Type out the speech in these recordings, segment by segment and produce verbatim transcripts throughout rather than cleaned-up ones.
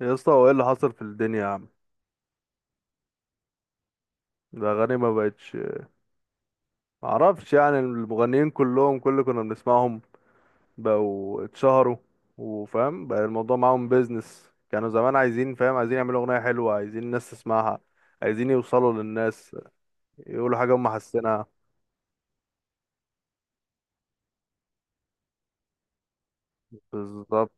يا اسطى، هو ايه اللي حصل في الدنيا يا عم؟ الاغاني ما بقتش. معرفش، يعني المغنيين كلهم، كل اللي كنا بنسمعهم بقوا اتشهروا. وفاهم بقى الموضوع معاهم، بيزنس. كانوا زمان عايزين، فاهم، عايزين يعملوا اغنيه حلوه، عايزين الناس تسمعها، عايزين يوصلوا للناس، يقولوا حاجه هم حاسينها. بالظبط.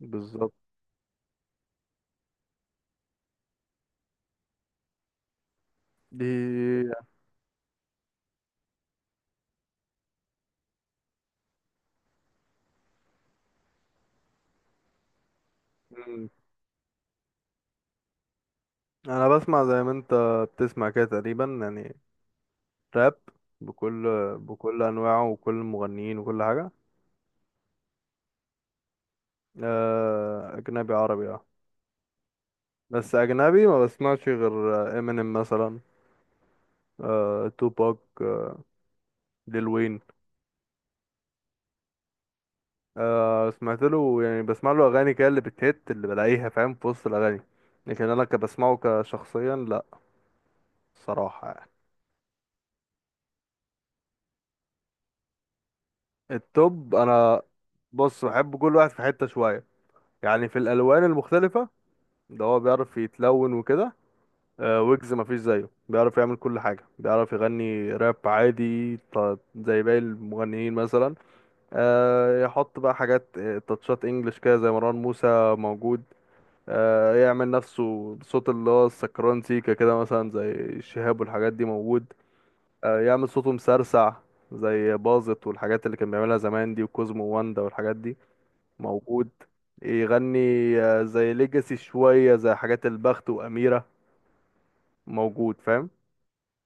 بالظبط. دي يعني، انا بسمع زي ما انت بتسمع كده تقريبا يعني. راب، بكل بكل انواعه وكل المغنيين وكل حاجه. آه، اجنبي عربي، اه. بس اجنبي ما بسمعش غير امينيم مثلا. آه، توباك، آه، ليل وين. آه، سمعت له، يعني بسمع له اغاني كده، اللي بتهت اللي بلاقيها، فاهم، في وسط الاغاني. لكن انا كبسمعه كشخصيا لا، صراحة يعني. التوب انا، بص بحب كل واحد في حتة شوية، يعني في الالوان المختلفة. ده هو بيعرف يتلون وكده. آه، ويجز مفيش زيه، بيعرف يعمل كل حاجة، بيعرف يغني راب عادي ط- زي باقي المغنيين مثلا. آه، يحط بقى حاجات، آه، تاتشات انجلش كده زي مروان موسى. موجود. آه، يعمل نفسه بصوت اللي هو السكران سيكا كده مثلا، زي الشهاب والحاجات دي. موجود. آه، يعمل صوته مسرسع، زي باظت والحاجات اللي كان بيعملها زمان دي، وكوزمو واندا والحاجات دي. موجود. يغني. آه، زي ليجاسي شوية، زي حاجات البخت وأميرة. موجود، فاهم.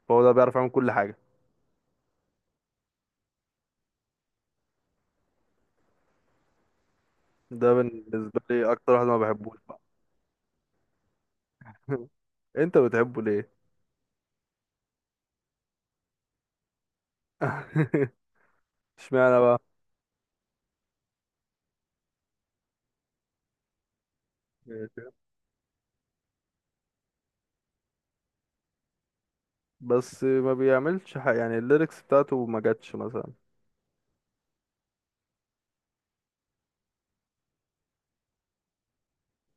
فهو ده بيعرف يعمل كل حاجة. ده بالنسبة لي أكتر واحد ما بحبوش بقى. أنت بتحبه ليه؟ اشمعنى بقى؟ بس ما بيعملش حاجة، يعني الليركس بتاعته ما جاتش مثلا.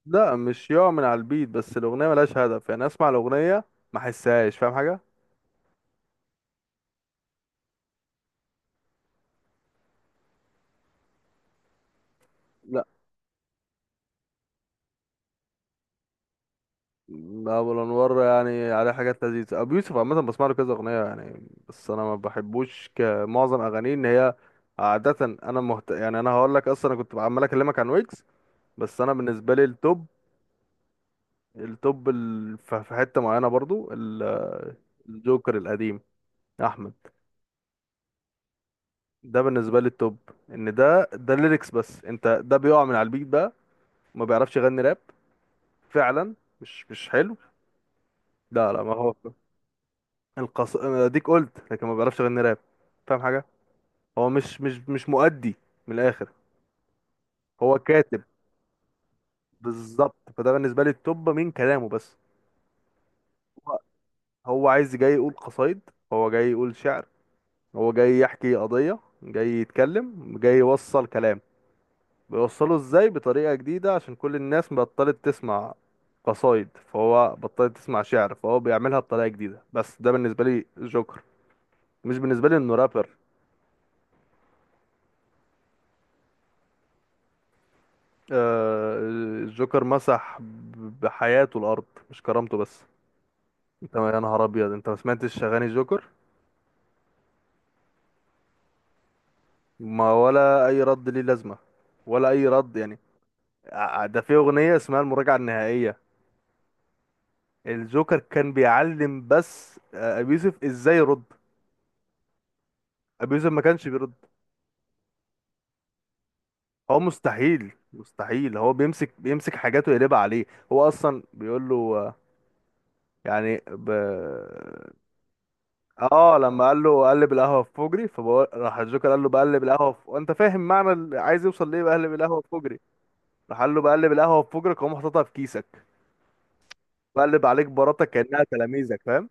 لا مش يقع من على البيت، بس الأغنية ملهاش هدف، يعني أسمع الأغنية ما أحسهاش، فاهم حاجة؟ لا. أبو الأنوار يعني عليه حاجات لذيذة. أبو يوسف عامة بسمع له كذا أغنية يعني، بس أنا ما بحبوش كمعظم أغانيه، إن هي عادة. أنا مهت... يعني أنا هقول لك، أصلا أنا كنت عمال أكلمك عن ويجز. بس أنا بالنسبة لي التوب، التوب ال... ف- في حتة معينة برضو ال- الجوكر القديم، أحمد. ده بالنسبه لي التوب، ان ده ده الليركس. بس انت ده بيقع من على البيت بقى، ما بيعرفش يغني راب، فعلا. مش مش حلو. لا لا، ما هو القص، اديك قلت، لكن ما بيعرفش يغني راب، فاهم حاجه. هو مش مش مش مؤدي، من الاخر. هو كاتب، بالظبط، فده بالنسبه لي التوب من كلامه بس. هو هو عايز جاي يقول قصايد، هو جاي يقول شعر، هو جاي يحكي قضيه، جاي يتكلم، جاي يوصل كلام. بيوصله ازاي؟ بطريقة جديدة، عشان كل الناس بطلت تسمع قصايد، فهو بطلت تسمع شعر، فهو بيعملها بطريقة جديدة. بس ده بالنسبة لي جوكر، مش بالنسبة لي انه رابر. آه، الجوكر مسح ب- بحياته الارض، مش كرامته بس. انت يا نهار ابيض، انت ما سمعتش اغاني جوكر؟ ما ولا اي رد ليه لازمة، ولا اي رد يعني. ع- ده في اغنية اسمها المراجعة النهائية، الجوكر كان بيعلم بس، آه، ابي يوسف ازاي يرد. ابي يوسف ما كانش بيرد، هو مستحيل مستحيل. هو بيمسك بيمسك حاجاته يقلبها عليه. هو اصلا بيقول له، آه، يعني ب... اه لما قال له قلب القهوه في فجري، فبقول راح الجوكر قال له بقلب القهوه في... وانت فاهم معنى اللي عايز يوصل ليه، بقلب القهوه في فجري. راح قال له بقلب القهوه في فجرك واقوم حاططها في كيسك، بقلب عليك براتك كانها تلاميذك، فاهم.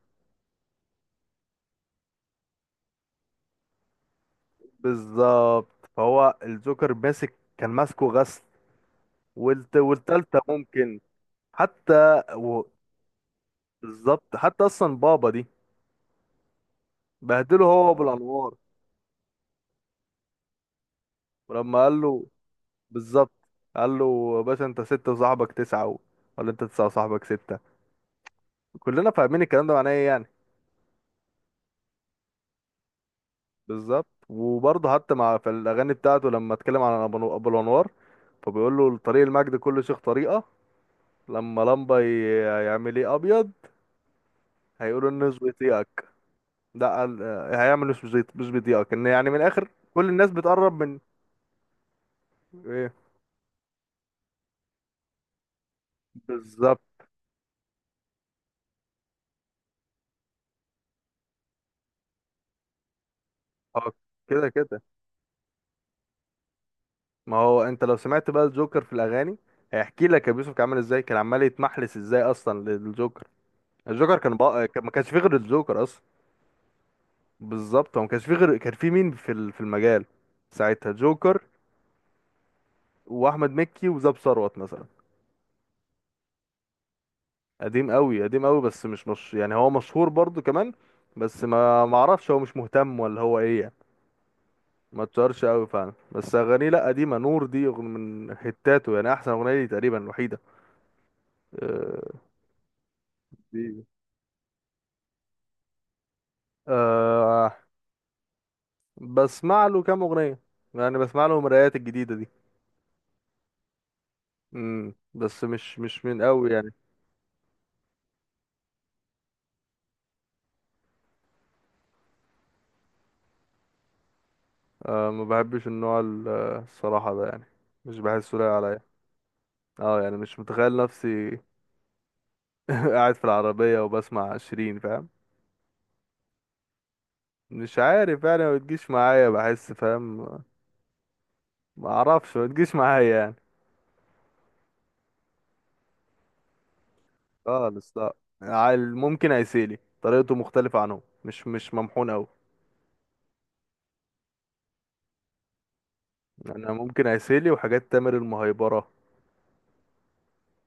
بالظبط، فهو الجوكر ماسك، كان ماسكه غسل، والت... والتالتة ممكن. حتى و... بالظبط، حتى اصلا بابا دي، بهدله هو بالانوار، ولما قال له، بالظبط، قال له يا باشا انت ستة وصاحبك تسعة و... ولا انت تسعة وصاحبك ستة، كلنا فاهمين الكلام ده معناه ايه يعني. بالظبط. وبرضه حتى مع في الاغاني بتاعته لما اتكلم عن ابو أبو الانوار، فبيقول له طريق المجد كل شيخ طريقة. لما لمبة ي- يعمل ايه ابيض، هيقولوا الناس بيطيقك. ده قال- هيعمل مش بيطيق- مش بيطيقك، ان يعني من الاخر كل الناس بتقرب من ايه. بالظبط. اه، كده كده. ما هو انت لو سمعت بقى الجوكر في الاغاني، هيحكي لك ابو يوسف كان عامل ازاي، كان عمال يتمحلس ازاي اصلا للجوكر. الجوكر كان بقى كان- ما كانش فيه غير الجوكر اصلا. بالظبط، هو ما كانش فيه غير، كان فيه مين في ال- في المجال ساعتها؟ جوكر واحمد مكي وزاب ثروت مثلا. قديم قوي، قديم قوي، بس مش مش يعني، هو مشهور برضو كمان، بس ما ما اعرفش، هو مش مهتم ولا هو ايه يعني. ما اتشهرش قوي فعلا، بس اغانيه لا، قديمه، نور دي أغن- من هتاته، يعني احسن اغنيه لي تقريبا الوحيده. أه، دي بسمع له كام اغنيه يعني، بسمع له المرايات الجديده دي. امم، بس مش مش من قوي يعني. آه ما بحبش النوع ال- آه، الصراحه ده يعني، مش بحسه لايق عليا. اه يعني مش متخيل نفسي قاعد في العربيه وبسمع شيرين، فاهم. مش عارف يعني، ما بتجيش معايا، بحس فاهم، ما اعرفش، ما بتجيش معايا يعني. خالص لا. عال- ممكن عسيلي، طريقته مختلفه عنهم، مش مش ممحون قوي. انا ممكن عسيلي، وحاجات تامر المهيبره،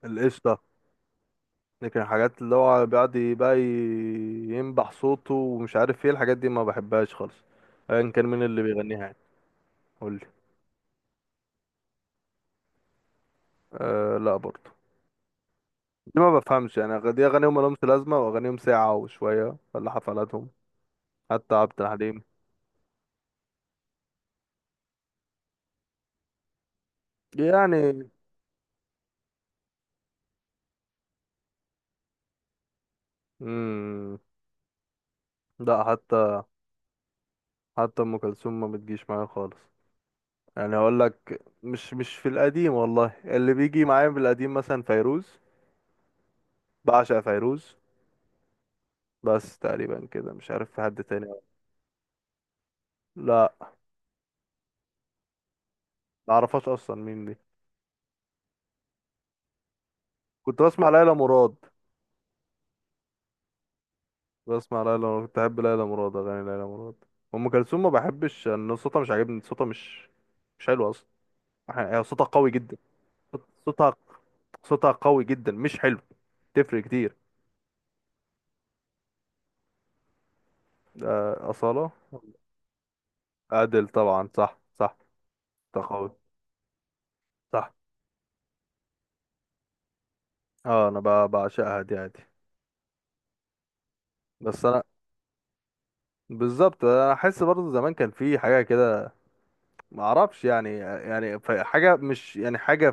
القشطه. لكن الحاجات اللي هو بيقعد ي- بقى ي- ينبح صوته، ومش عارف ايه الحاجات دي، ما بحبهاش خالص، ايا كان مين اللي بيغنيها يعني. قولي. أه لا برضه. دي ما بفهمش يعني، أغ- دي اغانيهم ملهمش لازمه، واغانيهم ساعه وشويه، ولا حفلاتهم، حتى عبد الحليم يعني. امم. لا، حتى حتى ام كلثوم ما بتجيش معايا خالص. يعني هقول لك، مش مش في القديم والله، اللي بيجي معايا في القديم مثلا فيروز، بعشق فيروز، بس تقريبا كده مش عارف في حد تاني ولا. لا، ما اعرفهاش اصلا مين دي. كنت بسمع ليلى مراد، بسمع ليلى مراد، كنت احب ليلى مراد، اغاني ليلى مراد. ام كلثوم ما بحبش، ان صوتها مش عاجبني، صوتها مش مش حلو اصلا. يعني هي صوتها قوي جدا، صوت- صوتها، صوتها قوي جدا، مش حلو، تفرق كتير. آه، أصالة. أدل طبعا، صح صح. صوتها قوي، صح. اه انا ب- بعشقها دي عادي. بس انا، بالظبط، انا احس برضه زمان كان في حاجه كده، ما اعرفش يعني، يعني ف- حاجه، مش يعني حاجه.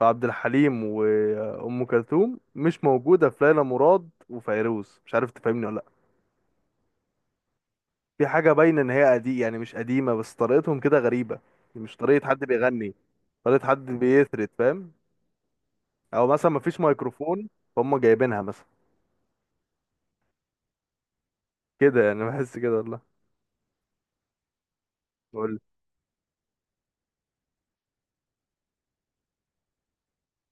فعبد الحليم وأم كلثوم مش موجودة في ليلى مراد وفيروز، مش عارف تفهمني ولا لأ. في حاجة باينة إن هي قديم، يعني مش قديمة، بس طريقتهم كده غريبة، يعني مش طريقة حد بيغني، طريقة حد بيثرت، فاهم. أو مثلا مفيش ميكروفون، فهم جايبينها مثلا كده يعني، بحس كده والله. قول.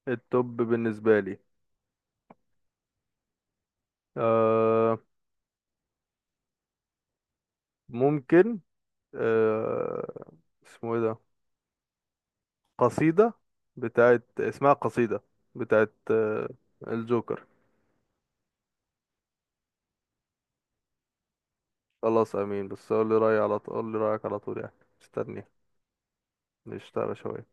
التوب بالنسبة لي، آه، ممكن، آه، اسمه ايه ده، قصيدة، بتاعت، اسمها قصيدة، بتاعت آه، الجوكر. خلاص امين، بس قول لي رايي على طول، قول لي رايك على طول يعني. استني، نشتغل شويه.